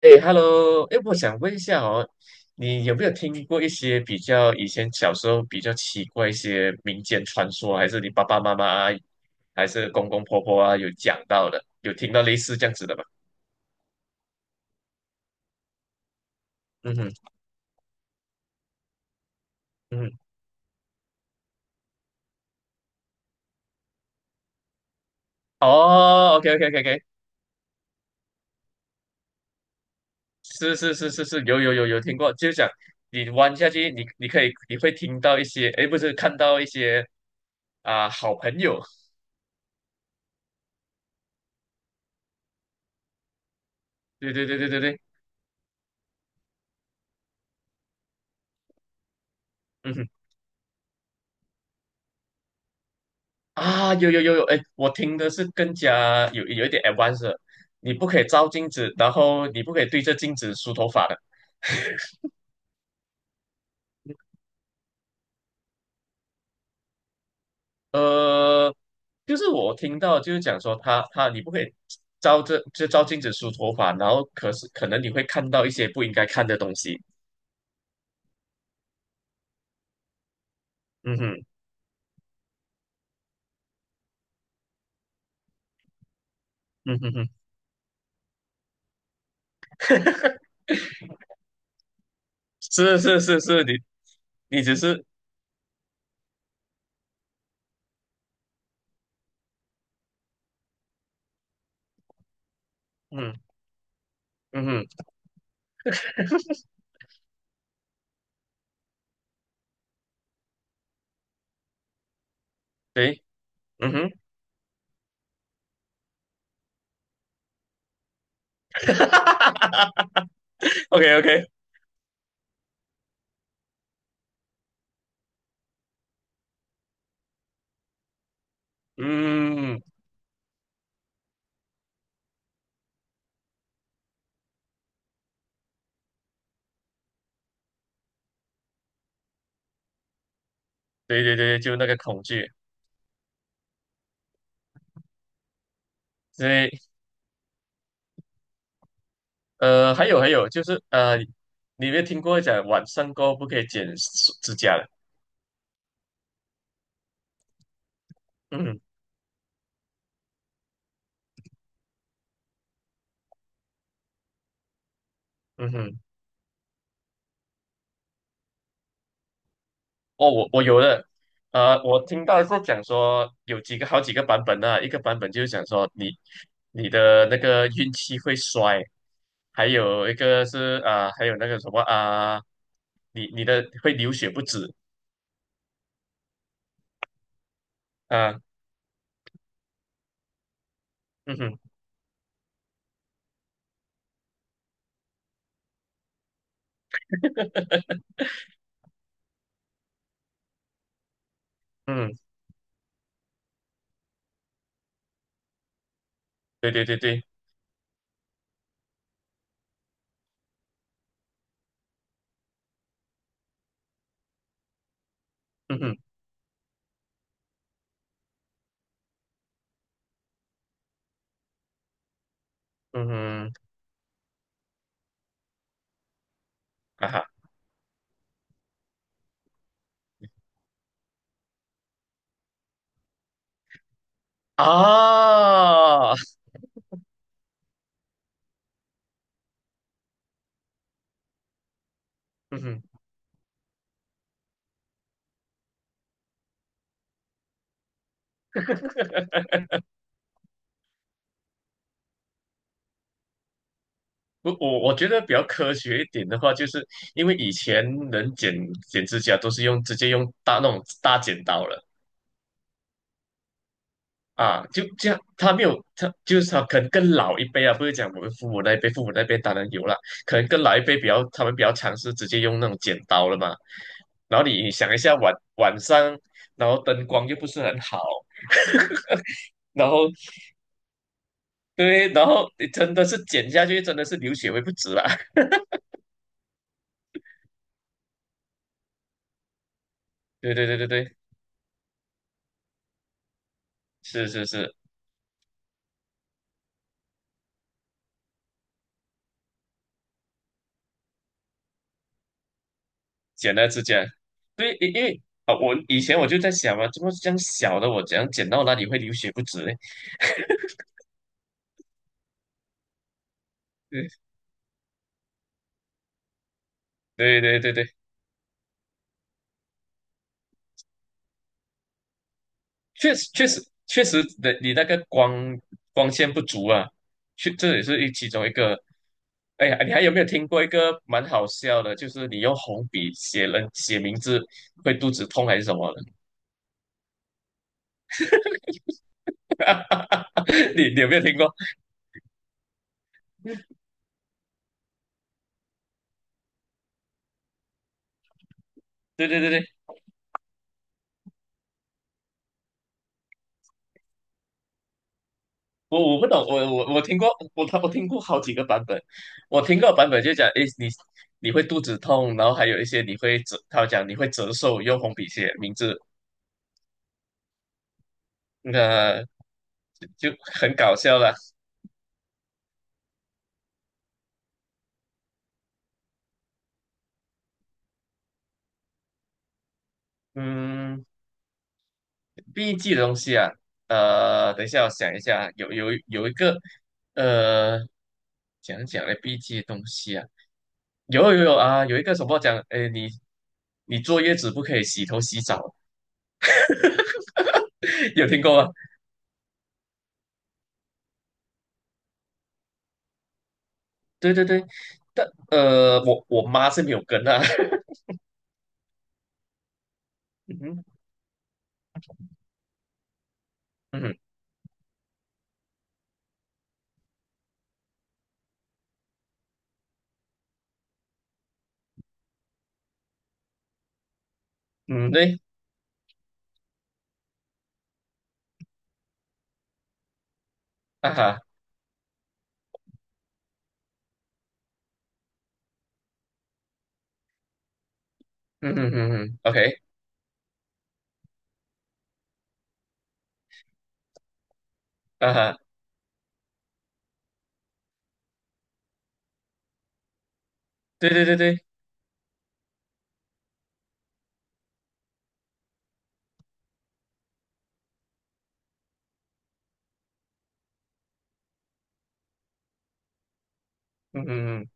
哎，Hello，哎，我想问一下哦，你有没有听过一些比较以前小时候比较奇怪一些民间传说啊，还是你爸爸妈妈啊，还是公公婆婆啊有讲到的，有听到类似这样子的吗？嗯哼，嗯哼，哦，OK，OK，OK，OK，是是是是是，有有有有听过，就是讲你弯下去，你你可以你会听到一些，哎，不是看到一些啊、好朋友，对对对对对对，嗯哼。啊，有有有有，哎，我听的是更加有一点 advanced，的你不可以照镜子，然后你不可以对着镜子梳头发的。呃，就是我听到就是讲说他你不可以照着就照镜子梳头发，然后可是可能你会看到一些不应该看的东西。嗯哼，嗯哼嗯哼，是是是是，你只是嗯嗯哼，对，嗯哼 ，OK OK，嗯，对对对，就那个恐惧。所以。还有，就是，你有没有听过讲晚上过后不可以剪指甲的？嗯嗯哼，哦，我有的，我听到是讲说有几个好几个版本呢、一个版本就是讲说你你的那个运气会衰，还有一个是啊、还有那个什么啊、你的会流血不止啊、嗯哼嗯，对对对对，嗯哼嗯哼，啊哈啊，嗯哼。我觉得比较科学一点的话，就是因为以前人剪指甲都是用直接用大那种大剪刀了啊，就这样，他没有他就是他可能更老一辈啊，不是讲我们父母那一辈，父母那边当然有了，可能更老一辈他们比较尝试直接用那种剪刀了嘛。然后你想一下晚上，然后灯光又不是很好，然后对，然后你真的是剪下去真的是流血会不止啦。对对对对对，是是是。剪了指甲。对，因为啊，我以前我就在想嘛，怎么这样小的我怎样剪到哪里会流血不止呢？对对对对，对，确实确实确实的，你那个光线不足啊，去这也是其中一个。哎呀，你还有没有听过一个蛮好笑的？就是你用红笔写名字会肚子痛还是什么的？你有没有听过？对对对对。我不懂，我听过，我听过好几个版本，我听过版本就讲，诶，你会肚子痛，然后还有一些你会折，他讲你会折寿，用红笔写名字，那、就很搞笑了。嗯，避 g 的东西啊，等一下我想一下，有一个，呃，讲讲的避 g 的东西啊，有啊，有一个什么讲，诶，你坐月子不可以洗头洗澡，有听过吗？对对对，但，我妈是没有跟啊，嗯哼嗯哼嗯，对啊哈，嗯嗯嗯嗯，OK 啊哈，对对对对，嗯嗯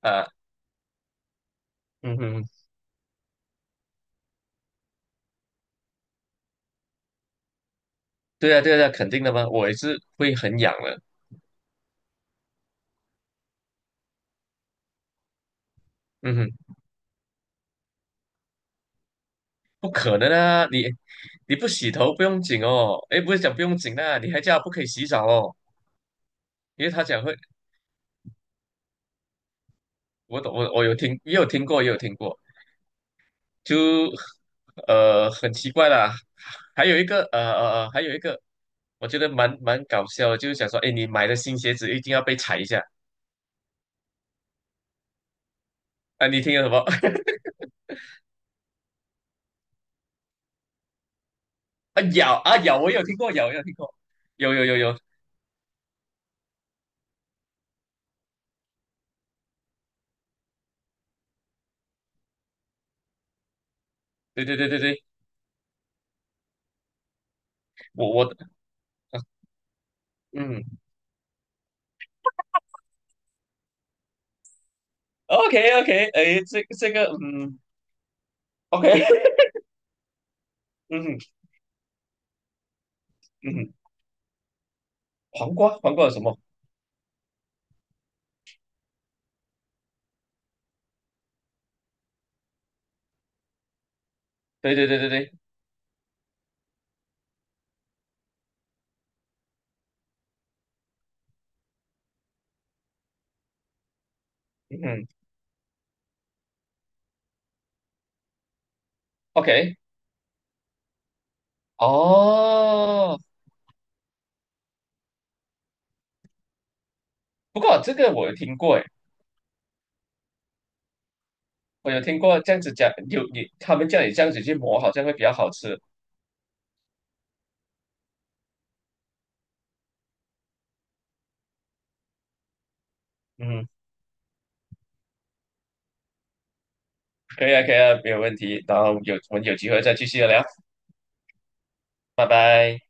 嗯啊，嗯嗯，对啊对啊，肯定的嘛，我也是会很痒的，嗯哼，不可能啊，你不洗头不用紧哦，诶，不是讲不用紧啊，你还叫她不可以洗澡哦，因为她讲会，我懂我有听也有听过也有听过。就很奇怪啦。还有一个我觉得蛮搞笑的，就是想说，哎，你买的新鞋子一定要被踩一下啊！你听了什么？啊咬啊咬，我有听过咬，我有听过，有有有有，对对对对对，我啊嗯，OK OK，哎，这个嗯，OK，嗯哼嗯哼，黄瓜黄瓜有什么？对对对对对，嗯，OK，哦，不过这个我有听过，哎。我有听过这样子讲，他们叫你这样子去磨，好像会比较好吃。嗯，可以啊，可以啊，没有问题。然后我们有机会再继续聊，拜拜。